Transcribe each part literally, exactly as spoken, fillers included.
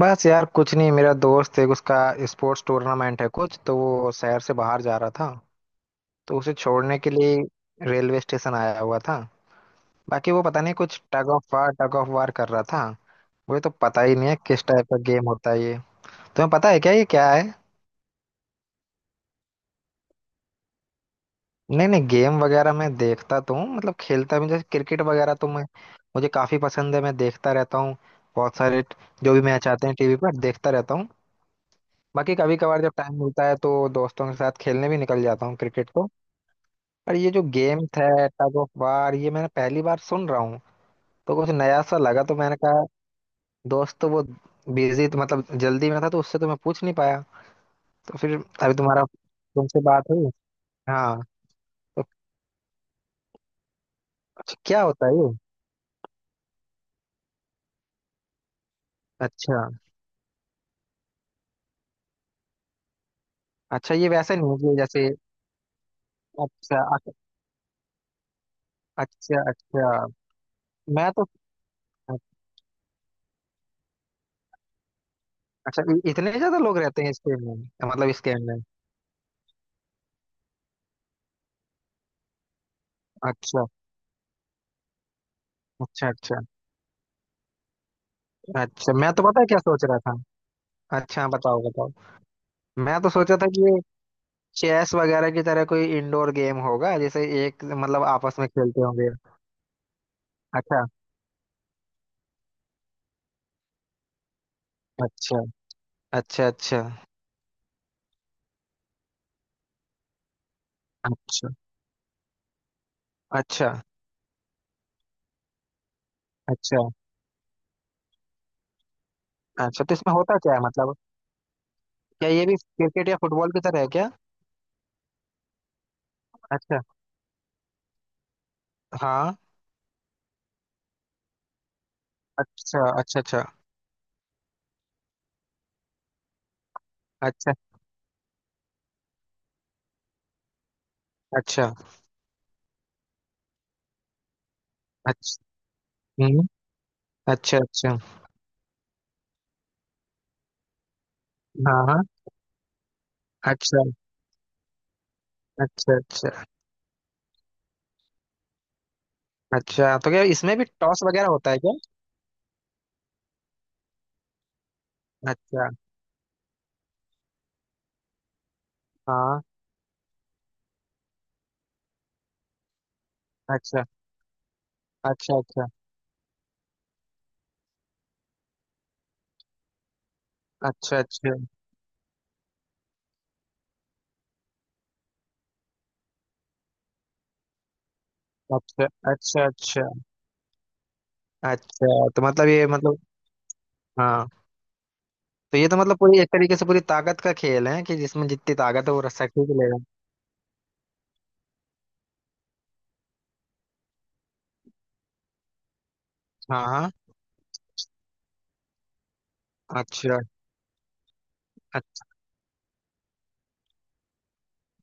बस यार, कुछ नहीं। मेरा दोस्त है, उसका स्पोर्ट्स टूर्नामेंट है कुछ, तो वो शहर से बाहर जा रहा था, तो उसे छोड़ने के लिए रेलवे स्टेशन आया हुआ था। बाकी वो पता नहीं कुछ tug of war tug of war कर रहा था। मुझे तो पता ही नहीं है किस टाइप का गेम होता है ये। तुम्हें पता है क्या ये क्या है? नहीं नहीं, गेम वगैरह मैं देखता तो हूँ, मतलब खेलता भी हूँ। जैसे क्रिकेट वगैरह तो मैं मुझे काफी पसंद है, मैं देखता रहता हूँ। बहुत सारे ट- जो भी मैच आते हैं टीवी पर देखता रहता हूँ। बाकी कभी कभार जब टाइम मिलता है तो दोस्तों के साथ खेलने भी निकल जाता हूँ क्रिकेट तो। और ये जो गेम है टग ऑफ वार, ये मैंने पहली बार सुन रहा हूँ, तो कुछ नया सा लगा, तो मैंने कहा दोस्त तो वो बिजी तो, मतलब जल्दी में था, तो उससे तो मैं पूछ नहीं पाया। तो फिर अभी तुम्हारा तुमसे बात हुई। हाँ। तो अच्छा, क्या होता है ये? अच्छा अच्छा, ये वैसे नहीं है कि जैसे अच्छा अच- अच्छा अच्छा। मैं तो अच्छा, इ- इतने ज्यादा लोग रहते हैं इस गेम में, मतलब इस गेम में? अच्छा अच्छा। अच्छा अच्छा। मैं तो पता है क्या सोच रहा था। अच्छा, हाँ, बताओ बताओ। मैं तो सोचा था कि चेस वगैरह की तरह कोई इंडोर गेम होगा, जैसे एक मतलब आपस में खेलते होंगे। अच्छा अच्छा। अच्छा अच्छा। अच्छा अच्छा। अच्छा अच्छा। तो इसमें होता क्या है, मतलब क्या ये भी क्रिकेट या फुटबॉल की तरह है क्या? अच्छा। हाँ। अच्छा अच्छा अच्छा। अच्छा अच्छा अच्छा। हम्म। अच्छा अच्छा। हाँ हाँ। अच्छा अच्छा। अच्छा अच्छा, तो क्या इसमें भी टॉस वगैरह होता है क्या? अच्छा। हाँ। अच्छा अच्छा। अच्छा अच्छा। अच्छा अच्छा। अच्छा अच्छा। अच्छा। तो मतलब ये मतलब हाँ, तो ये तो मतलब पूरी एक तरीके से पूरी ताकत का खेल है कि जिसमें जितनी ताकत है वो रस्सा खींच लेगा। हाँ हाँ। अच्छा अच्छा।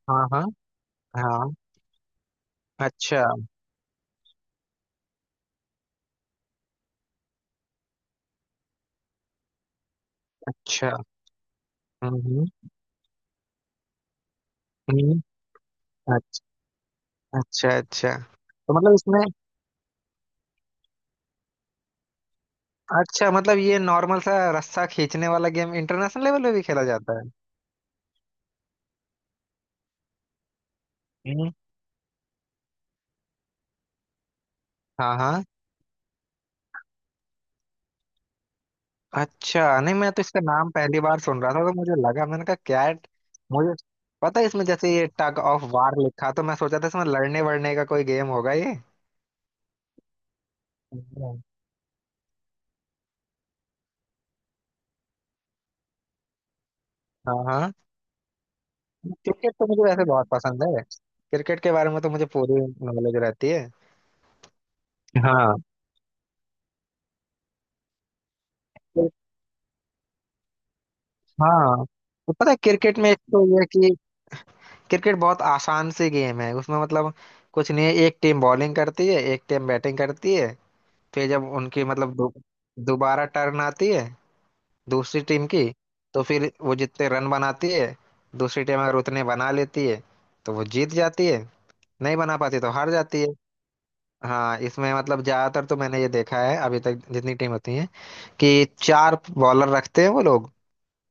हाँ हाँ हाँ। अच्छा अच्छा। हम्म हम्म। हम्म, अच्छा। अच्छा अच्छा। तो मतलब इसमें अच्छा, मतलब ये नॉर्मल सा रस्सा खींचने वाला गेम इंटरनेशनल लेवल पे भी खेला जाता है? हम्म। हाँ हाँ। अच्छा, नहीं, मैं तो इसका नाम पहली बार सुन रहा था तो मुझे लगा, मैंने कहा कैट, मुझे पता है इसमें जैसे ये टग ऑफ वार लिखा, तो मैं सोचा था इसमें लड़ने वड़ने का कोई गेम होगा ये। हम्म। हाँ हाँ। क्रिकेट तो मुझे वैसे बहुत पसंद है, क्रिकेट के बारे में तो मुझे पूरी नॉलेज रहती है। हाँ। तो- हाँ, तो पता है क्रिकेट में एक तो ये है कि क्रिकेट बहुत आसान सी गेम है उसमें, मतलब कुछ नहीं है। एक टीम बॉलिंग करती है, एक टीम बैटिंग करती है। फिर जब उनकी मतलब दो- दोबारा टर्न आती है दूसरी टीम की, तो फिर वो जितने रन बनाती है, दूसरी टीम अगर उतने बना लेती है तो वो जीत जाती है, नहीं बना पाती तो हार जाती है। हाँ, इसमें मतलब ज्यादातर तो मैंने ये देखा है अभी तक जितनी टीम होती है कि चार बॉलर रखते हैं वो लोग,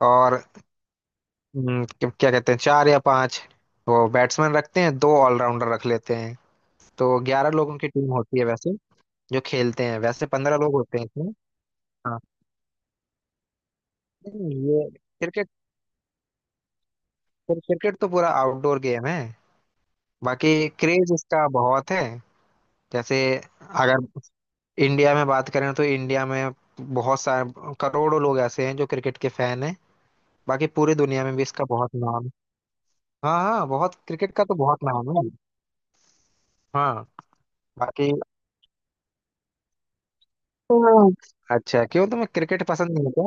और हम्म, क्या क्या कहते हैं, चार या पांच वो बैट्समैन रखते हैं, दो ऑलराउंडर रख लेते हैं। तो ग्यारह लोगों की टीम होती है वैसे जो खेलते हैं, वैसे पंद्रह लोग होते हैं इसमें। हाँ, नहीं, ये क्रिकेट, क्रिकेट तो पूरा आउटडोर गेम है। बाकी क्रेज इसका बहुत है। जैसे अगर इंडिया में बात करें तो इंडिया में बहुत सारे करोड़ों लोग ऐसे हैं जो क्रिकेट के फैन हैं। बाकी पूरी दुनिया में भी इसका बहुत नाम है। हाँ हाँ, बहुत, क्रिकेट का तो बहुत नाम है। हाँ। बाकी हाँ, अच्छा, क्यों तुम्हें क्रिकेट पसंद नहीं है क्या?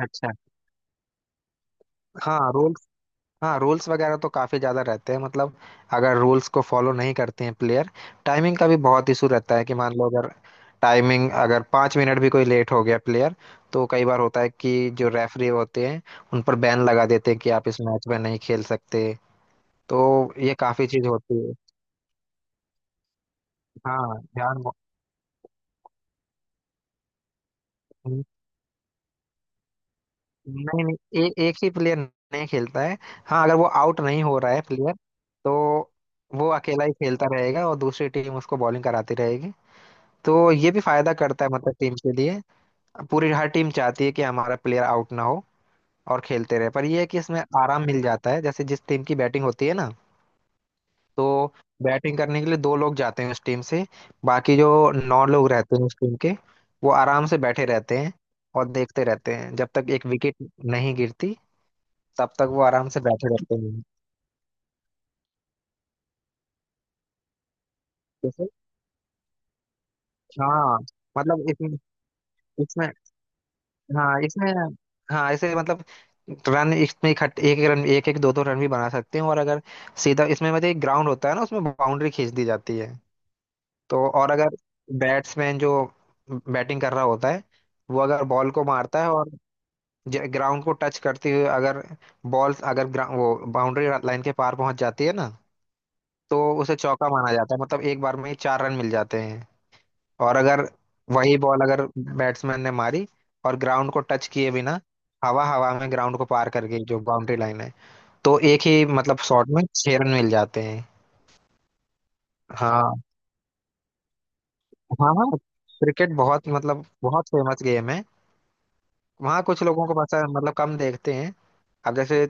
अच्छा। हाँ रोज, हाँ रूल्स वगैरह तो काफी ज्यादा रहते हैं, मतलब अगर रूल्स को फॉलो नहीं करते हैं प्लेयर, टाइमिंग का भी बहुत इशू रहता है कि मान लो अगर टाइमिंग अगर पाँच मिनट भी कोई लेट हो गया प्लेयर, तो कई बार होता है कि जो रेफरी होते हैं उन पर बैन लगा देते हैं कि आप इस मैच में नहीं खेल सकते। तो ये काफी चीज होती है। हाँ, ध्यान। नहीं नहीं, ए, एक ही प्लेयर नहीं खेलता है। हाँ अगर वो आउट नहीं हो रहा है प्लेयर, तो वो अकेला ही खेलता रहेगा और दूसरी टीम उसको बॉलिंग कराती रहेगी, तो ये भी फायदा करता है, मतलब टीम के लिए। पूरी हर टीम चाहती है कि हमारा प्लेयर आउट ना हो और खेलते रहे, पर ये है कि इसमें आराम मिल जाता है, जैसे जिस टीम की बैटिंग होती है ना, तो बैटिंग करने के लिए दो लोग जाते हैं उस टीम से, बाकी जो नौ लोग रहते हैं उस टीम के, वो आराम से बैठे रहते हैं और देखते रहते हैं जब तक एक विकेट नहीं गिरती, तब तक वो आराम से बैठे रहते हैं। जैसे हाँ, मतलब इसमें इसमें हाँ, इसमें हाँ ऐसे, मतलब रन इसमें इकट्ठे एक एक रन एक एक दो दो रन भी बना सकते हैं, और अगर सीधा इसमें मतलब एक ग्राउंड होता है ना उसमें बाउंड्री खींच दी जाती है, तो और अगर बैट्समैन जो बैटिंग कर रहा होता है, वो अगर बॉल को मारता है और ग्राउंड को टच करते हुए अगर बॉल अगर ग्रा- वो बाउंड्री लाइन के पार पहुंच जाती है ना, तो उसे चौका माना जाता है, मतलब एक बार में ही चार रन मिल जाते हैं। और अगर वही बॉल अगर बैट्समैन ने मारी और ग्राउंड को टच किए बिना हवा हवा में ग्राउंड को पार करके गई, जो बाउंड्री लाइन है, तो एक ही मतलब शॉट में छह रन मिल जाते हैं। हाँ हाँ। हाँ, क्रिकेट बहुत, मतलब बहुत फेमस गेम है। वहाँ कुछ लोगों को पता, मतलब कम देखते हैं। अब जैसे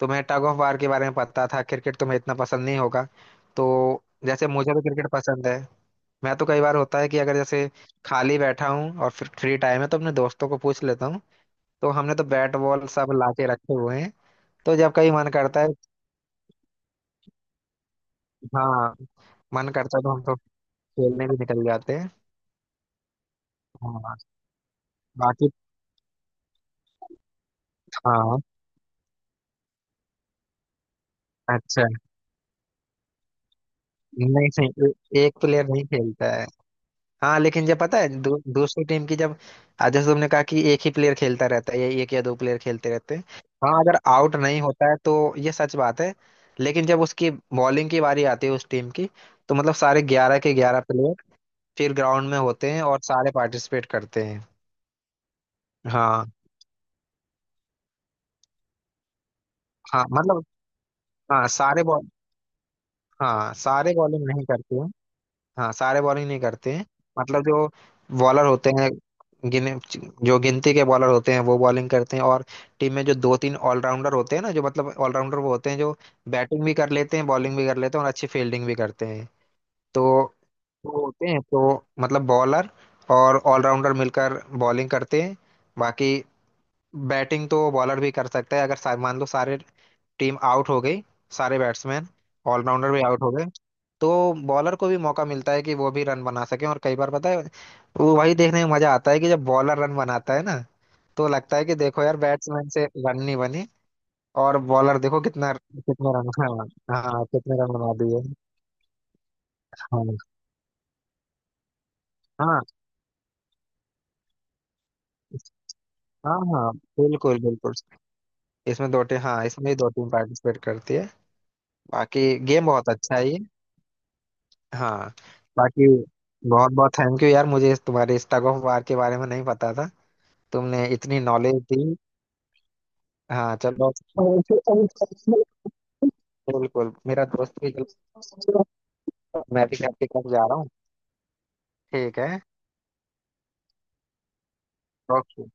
तुम्हें टग ऑफ वार के बारे में पता था, क्रिकेट तुम्हें इतना पसंद नहीं होगा। तो जैसे मुझे तो क्रिकेट पसंद है, मैं तो कई बार होता है कि अगर जैसे खाली बैठा हूँ और फिर फ्री टाइम है तो अपने दोस्तों को पूछ लेता हूँ, तो हमने तो बैट बॉल सब लाके रखे हुए हैं। तो जब कभी मन करता है, हाँ मन करता है तो हम तो खेलने भी निकल जाते हैं। हाँ। बाकी हाँ, अच्छा, नहीं नहीं, ए, एक प्लेयर नहीं खेलता है। हाँ लेकिन जब पता है दू, दूसरी टीम की जब आज जैसे तुमने कहा कि एक ही प्लेयर खेलता रहता है या एक या दो प्लेयर खेलते रहते हैं, हाँ अगर आउट नहीं होता है तो ये सच बात है, लेकिन जब उसकी बॉलिंग की बारी आती है उस टीम की, तो मतलब सारे ग्यारह के ग्यारह प्लेयर फिर ग्राउंड में होते हैं और सारे पार्टिसिपेट करते हैं। हाँ हाँ, मतलब हाँ सारे बॉल, हाँ सारे बॉलिंग नहीं करते हैं, हाँ सारे बॉलिंग नहीं करते हैं, मतलब जो बॉलर होते हैं, गिने, जो गिनती के बॉलर होते हैं वो बॉलिंग करते हैं, और टीम में जो दो तीन ऑलराउंडर होते हैं ना, जो मतलब ऑलराउंडर वो होते हैं जो बैटिंग भी कर लेते हैं बॉलिंग भी कर लेते हैं और अच्छी फील्डिंग भी करते हैं, तो वो होते हैं, तो मतलब बॉलर और ऑलराउंडर मिलकर बॉलिंग करते हैं। बाकी बैटिंग तो बॉलर भी कर सकता है अगर सा- मान लो सारे टीम आउट हो गई, सारे बैट्समैन ऑलराउंडर भी आउट हो गए, तो बॉलर को भी मौका मिलता है कि वो भी रन बना सके, और कई बार पता है, वो वही देखने में मजा आता है कि जब बॉलर रन बनाता है ना, तो लगता है कि देखो यार बैट्समैन से रन नहीं बनी, और बॉलर देखो कितना कितने रन। हाँ हाँ, कितने रन बना दिए। हाँ हाँ हाँ। हाँ बिल्कुल बिल्कुल, इसमें दो टीम, हाँ इसमें दो टीम पार्टिसिपेट करती है। बाकी गेम बहुत अच्छा है ये। हाँ, बाकी बहुत बहुत थैंक यू यार, मुझे इस- तुम्हारे स्टग ऑफ वार के बारे में नहीं पता था, तुमने इतनी नॉलेज दी। हाँ चलो, बिल्कुल मेरा दोस्त भी, मैं भी आपके पास जा रहा हूँ। ठीक है। ओके।